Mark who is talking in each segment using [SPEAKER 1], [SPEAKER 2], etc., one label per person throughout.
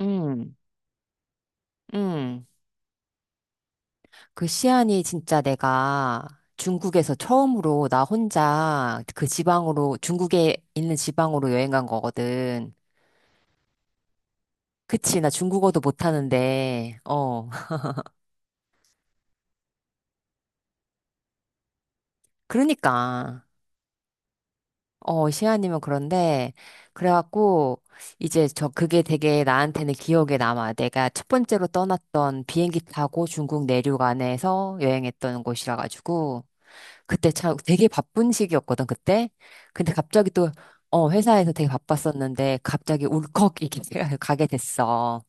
[SPEAKER 1] 음, 음. 그 시안이 진짜 내가 중국에서 처음으로 나 혼자 그 지방으로, 중국에 있는 지방으로 여행 간 거거든. 그치, 나 중국어도 못하는데, 어. 그러니까. 어, 시안이면 그런데, 그래갖고, 이제 저, 그게 되게 나한테는 기억에 남아. 내가 첫 번째로 떠났던 비행기 타고 중국 내륙 안에서 여행했던 곳이라 가지고, 그때 참 되게 바쁜 시기였거든, 그때. 근데 갑자기 또, 어, 회사에서 되게 바빴었는데, 갑자기 울컥 이렇게 가게 됐어.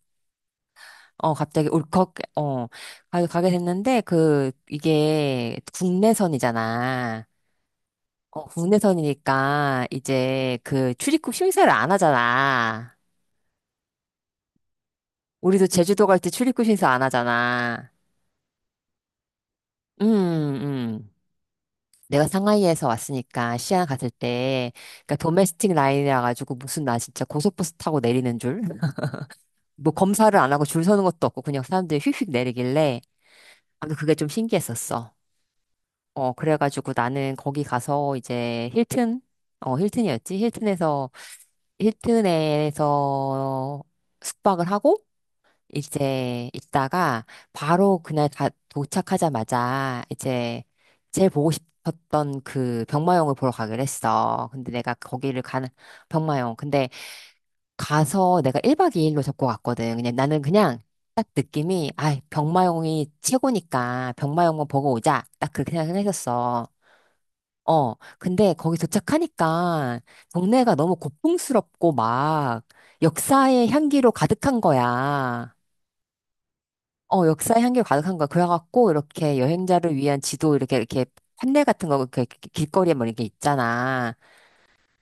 [SPEAKER 1] 어, 갑자기 울컥, 어, 가게 됐는데, 그, 이게 국내선이잖아. 어, 국내선이니까, 이제 그 출입국 심사를 안 하잖아. 우리도 제주도 갈 때 출입국 심사 안 하잖아. 음, 음. 내가 상하이에서 왔으니까 시안 갔을 때 그러니까 도메스틱 라인이라 가지고 무슨 나 진짜 고속버스 타고 내리는 줄 뭐 검사를 안 하고 줄 서는 것도 없고 그냥 사람들이 휙휙 내리길래 아무튼 그게 좀 신기했었어. 어, 그래가지고 나는 거기 가서 이제 힐튼, 어, 힐튼이었지, 힐튼에서 힐튼에서 숙박을 하고 이제 있다가 바로 그날 가, 도착하자마자 이제 제일 보고 싶었던 그 병마용을 보러 가기로 했어. 근데 내가 거기를 가는 병마용. 근데 가서 내가 1박 2일로 잡고 갔거든. 그냥 나는 그냥 딱 느낌이 아, 병마용이 최고니까 병마용만 보고 오자. 딱 그렇게 생각했었어. 어, 근데 거기 도착하니까 동네가 너무 고풍스럽고 막 역사의 향기로 가득한 거야. 어, 역사의 향기 가득한 가 거야. 그래갖고, 이렇게 여행자를 위한 지도, 이렇게, 이렇게, 판넬 같은 거, 이렇게 길거리에 뭐 이렇게 있잖아.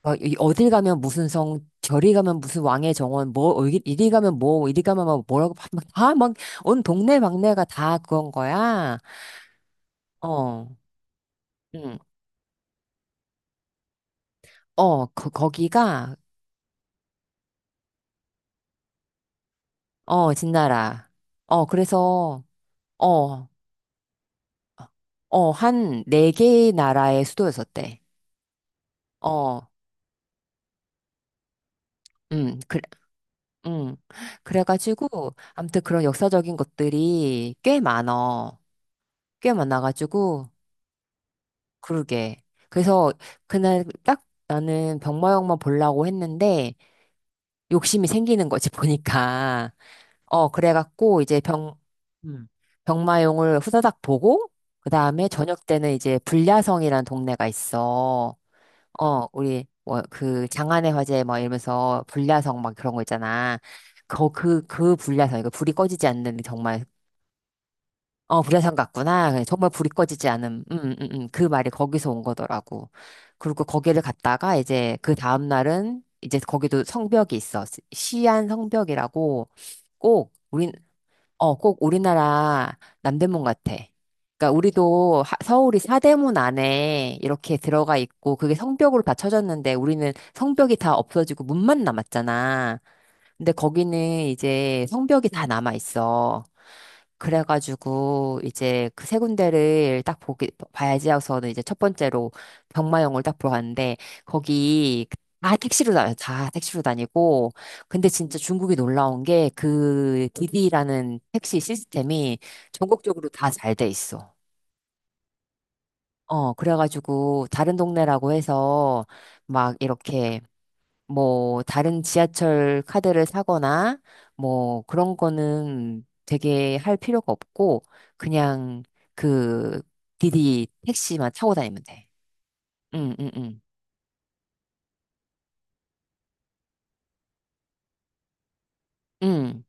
[SPEAKER 1] 어, 어딜 가면 무슨 성, 저리 가면 무슨 왕의 정원, 뭐, 어, 이리 이리 가면 뭐, 이리 가면 뭐, 뭐라고, 막, 막 다, 막, 온 동네 막내가 다 그건 거야. 어, 응, 어, 거기가, 어, 진나라. 어, 그래서, 어, 어, 한 4개의 나라의 수도였었대. 어, 그, 응. 그래가지고, 아무튼 그런 역사적인 것들이 꽤 많어. 꽤 많아가지고, 그러게. 그래서 그날 딱 나는 병마용만 보려고 했는데, 욕심이 생기는 거지, 보니까. 어, 그래갖고, 이제 음, 병마용을 후다닥 보고, 그 다음에 저녁 때는 이제 불야성이라는 동네가 있어. 어, 우리, 뭐, 그, 장안의 화재 뭐, 이러면서, 불야성, 막 그런 거 있잖아. 그 불야성, 이거 불이 꺼지지 않는, 정말, 어, 불야성 같구나. 그 정말 불이 꺼지지 않은, 그 말이 거기서 온 거더라고. 그리고 거기를 갔다가, 이제, 그 다음날은, 이제 거기도 성벽이 있어. 시안 성벽이라고, 꼭, 우린, 어, 꼭 우리나라 남대문 같아. 그러니까 우리도 서울이 사대문 안에 이렇게 들어가 있고 그게 성벽으로 다 쳐졌는데 우리는 성벽이 다 없어지고 문만 남았잖아. 근데 거기는 이제 성벽이 다 남아 있어. 그래가지고 이제 그 3군데를 딱 보기 봐야지 하고서는 이제 첫 번째로 병마용을 딱 보러 갔는데 거기 다 택시로 다녀, 다 택시로 다니고 근데 진짜 중국이 놀라운 게 그 디디라는 택시 시스템이 전국적으로 다 잘 돼 있어. 어, 그래가지고 다른 동네라고 해서 막 이렇게 뭐 다른 지하철 카드를 사거나 뭐 그런 거는 되게 할 필요가 없고 그냥 그 디디 택시만 타고 다니면 돼. 응, 응, 응. 응,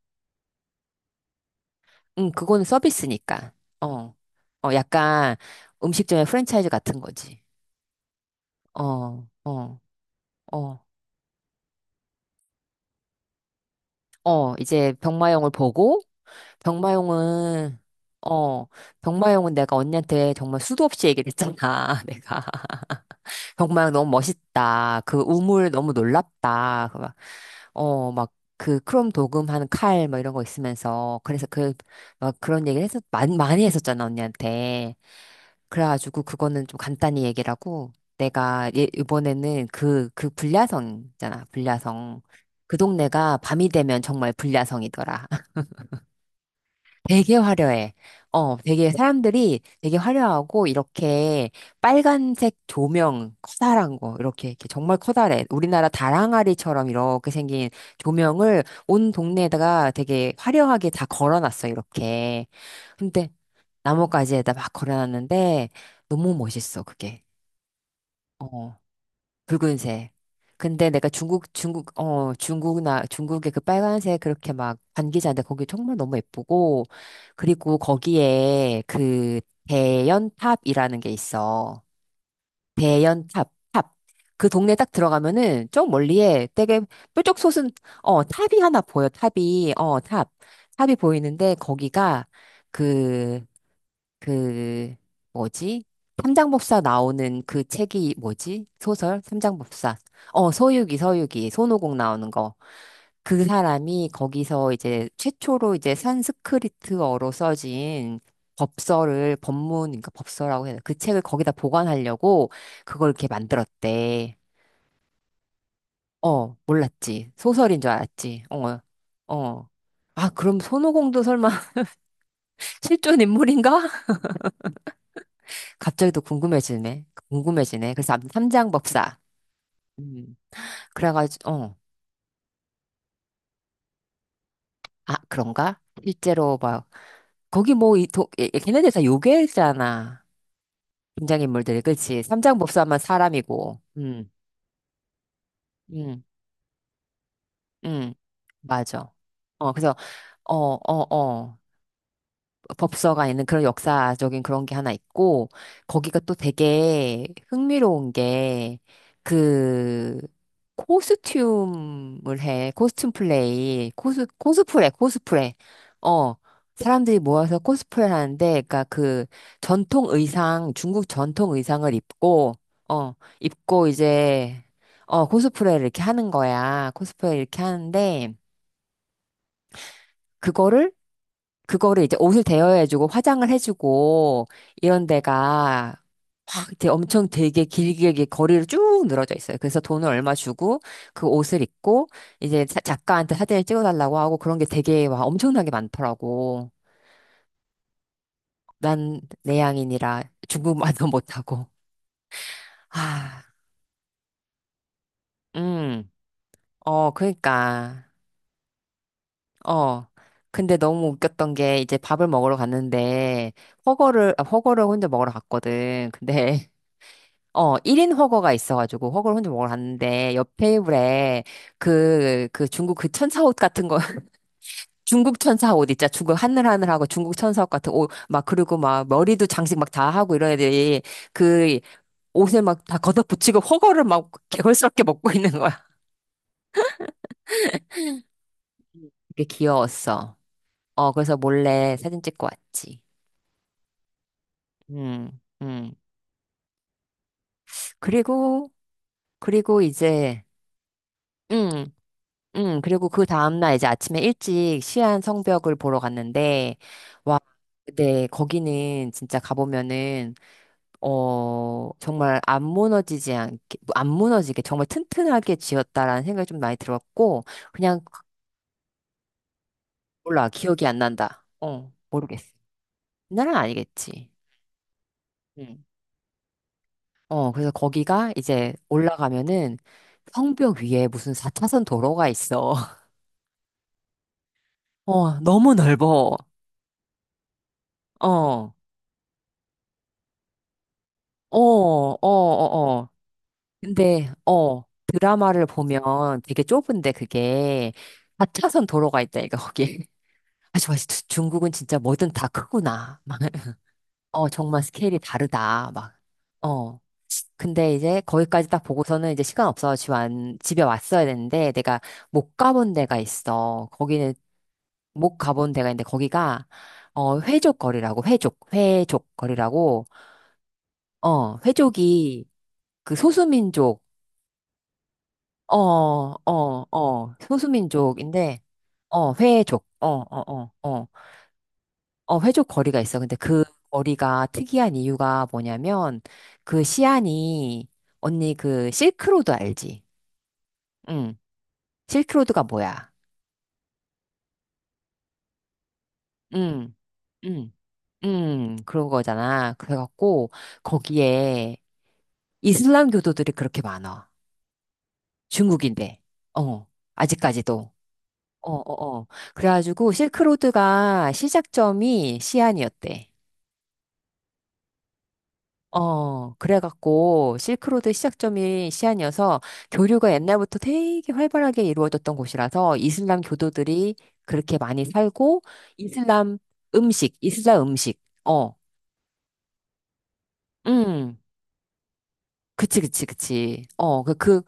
[SPEAKER 1] 응, 그거는 서비스니까. 어. 어, 약간 음식점의 프랜차이즈 같은 거지. 어, 어, 어. 어, 이제 병마용을 보고, 병마용은, 어, 병마용은 내가 언니한테 정말 수도 없이 얘기를 했잖아, 내가. 정말 너무 멋있다. 그 우물 너무 놀랍다. 그 막, 어, 막, 그 크롬 도금하는 칼, 뭐 이런 거 있으면서. 그래서 그, 막 그런 얘기를 해서, 많이, 많이 했었잖아, 언니한테. 그래가지고 그거는 좀 간단히 얘기를 하고, 내가 예, 이번에는 그, 그 불야성 있잖아, 불야성. 그 동네가 밤이 되면 정말 불야성이더라. 되게 화려해. 어, 되게 사람들이 되게 화려하고 이렇게 빨간색 조명 커다란 거 이렇게 이렇게 정말 커다래. 우리나라 다랑아리처럼 이렇게 생긴 조명을 온 동네에다가 되게 화려하게 다 걸어놨어 이렇게. 근데 나뭇가지에다 막 걸어놨는데 너무 멋있어 그게. 어. 붉은색. 근데 내가 중국, 중국, 어, 중국나, 중국의 그 빨간색 그렇게 막 반기자인데 거기 정말 너무 예쁘고, 그리고 거기에 그 대연탑이라는 게 있어. 대연탑, 탑. 그 동네 딱 들어가면은 좀 멀리에 되게 뾰족 솟은, 어, 탑이 하나 보여. 탑이, 어, 탑. 탑이 보이는데 거기가 그 그 뭐지? 삼장법사 나오는 그 책이 뭐지? 소설? 삼장법사. 어, 서유기, 서유기. 손오공 나오는 거. 그 사람이 거기서 이제 최초로 이제 산스크리트어로 써진 법서를 법문, 그러니까 법서라고 해야 되나? 그 책을 거기다 보관하려고 그걸 이렇게 만들었대. 어, 몰랐지. 소설인 줄 알았지. 어, 어. 아, 그럼 손오공도 설마 실존 인물인가? 갑자기 또 궁금해지네. 궁금해지네. 그래서 삼장 법사. 음. 그래가지고, 어. 아, 그런가? 실제로 막, 거기 뭐, 이, 도, 걔네들 다 요괴잖아. 등장인물들이. 그치? 삼장 법사만 사람이고. 음, 음. 맞아. 어, 그래서, 어, 어, 어. 법서가 있는 그런 역사적인 그런 게 하나 있고, 거기가 또 되게 흥미로운 게, 그, 코스튬을 해. 코스튬 플레이. 코스, 코스프레, 코스프레. 어. 사람들이 모여서 코스프레를 하는데, 그니까 그 전통 의상, 중국 전통 의상을 입고, 어, 입고 이제, 어, 코스프레를 이렇게 하는 거야. 코스프레 이렇게 하는데, 그거를 그거를 이제 옷을 대여해주고 화장을 해주고 이런 데가 확 이렇게 엄청 되게 길게 이렇게 거리를 쭉 늘어져 있어요. 그래서 돈을 얼마 주고 그 옷을 입고 이제 작가한테 사진을 찍어달라고 하고 그런 게 되게 와 엄청나게 많더라고. 난 내향인이라 중국말도 못하고. 아, 음, 어, 그러니까, 어. 근데 너무 웃겼던 게 이제 밥을 먹으러 갔는데 허거를 아, 허거를 혼자 먹으러 갔거든. 근데 어, 1인 허거가 있어가지고, 허거를 혼자 먹으러 갔는데, 옆 테이블에, 그, 그 중국 그 천사 옷 같은 거, 중국 천사 옷 있잖아. 중국 하늘하늘하고 중국 천사 옷 같은 옷, 막, 그리고 막, 머리도 장식 막 다 하고 이런 애들이, 그, 옷에 막 다 걷어붙이고, 허거를 막 개걸스럽게 먹고 있는 거야. 그게 귀여웠어. 어, 그래서 몰래 사진 찍고 왔지. 음, 음. 그리고, 그리고 이제, 음, 응, 그리고 그 다음날 이제 아침에 일찍 시안 성벽을 보러 갔는데, 와, 네, 거기는 진짜 가보면은, 어, 정말 안 무너지지 않게, 안 무너지게 정말 튼튼하게 지었다라는 생각이 좀 많이 들었고, 그냥 몰라, 기억이 안 난다. 어, 모르겠어. 옛날은 아니겠지. 응. 어, 그래서 거기가 이제 올라가면은 성벽 위에 무슨 4차선 도로가 있어. 어, 너무 넓어. 어, 어, 어, 어, 어. 근데, 어, 드라마를 보면 되게 좁은데 그게 하차선 도로가 있다니까, 거기. 아, 좋아. 중국은 진짜 뭐든 다 크구나. 막, 어, 정말 스케일이 다르다. 막, 어. 근데 이제 거기까지 딱 보고서는 이제 시간 없어 집 안, 집에 왔어야 되는데 내가 못 가본 데가 있어. 거기는 못 가본 데가 있는데 거기가, 어, 회족거리라고, 회족, 회족거리라고, 어, 회족이 그 소수민족, 어, 어, 어. 소수민족인데, 어, 회족. 어, 어, 어, 어. 어, 회족 거리가 있어. 근데 그 거리가 특이한 이유가 뭐냐면, 그 시안이, 언니 그 실크로드 알지? 응. 실크로드가 뭐야? 응. 응. 응. 그런 거잖아. 그래갖고, 거기에 이슬람 교도들이 그렇게 많아. 중국인데. 어. 아직까지도. 어, 어, 어. 그래가지고 실크로드가 시작점이 시안이었대. 어, 그래갖고 실크로드 시작점이 시안이어서 교류가 옛날부터 되게 활발하게 이루어졌던 곳이라서 이슬람 교도들이 그렇게 많이 살고 이슬람 음식, 이슬람 음식. 어, 음. 그치, 그치, 그치. 어, 그, 그,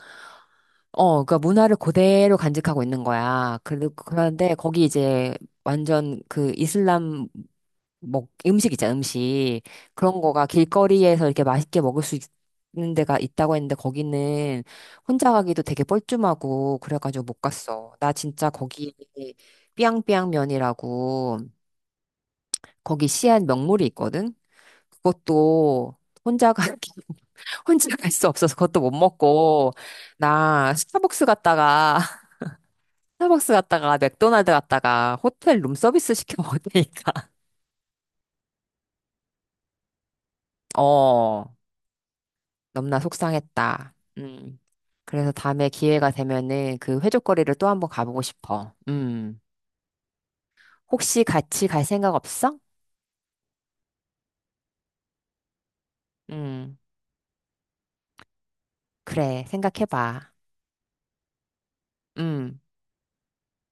[SPEAKER 1] 어, 그 문화를 그대로 간직하고 있는 거야. 그, 그런데 거기 이제 완전 그 이슬람 먹, 음식 있잖아, 음식. 그런 거가 길거리에서 이렇게 맛있게 먹을 수 있는 데가 있다고 했는데 거기는 혼자 가기도 되게 뻘쭘하고 그래가지고 못 갔어. 나 진짜 거기 삐양삐양면이라고 거기 시안 명물이 있거든? 그것도 혼자 가, 혼자 갈 수 없어서 그것도 못 먹고 나 스타벅스 갔다가 스타벅스 갔다가 맥도날드 갔다가 호텔 룸서비스 시켜 먹으니까 어, 너무나 속상했다. 음. 그래서 다음에 기회가 되면은 그 회족거리를 또 한번 가보고 싶어. 음. 혹시 같이 갈 생각 없어? 음. 그래, 생각해봐. 음.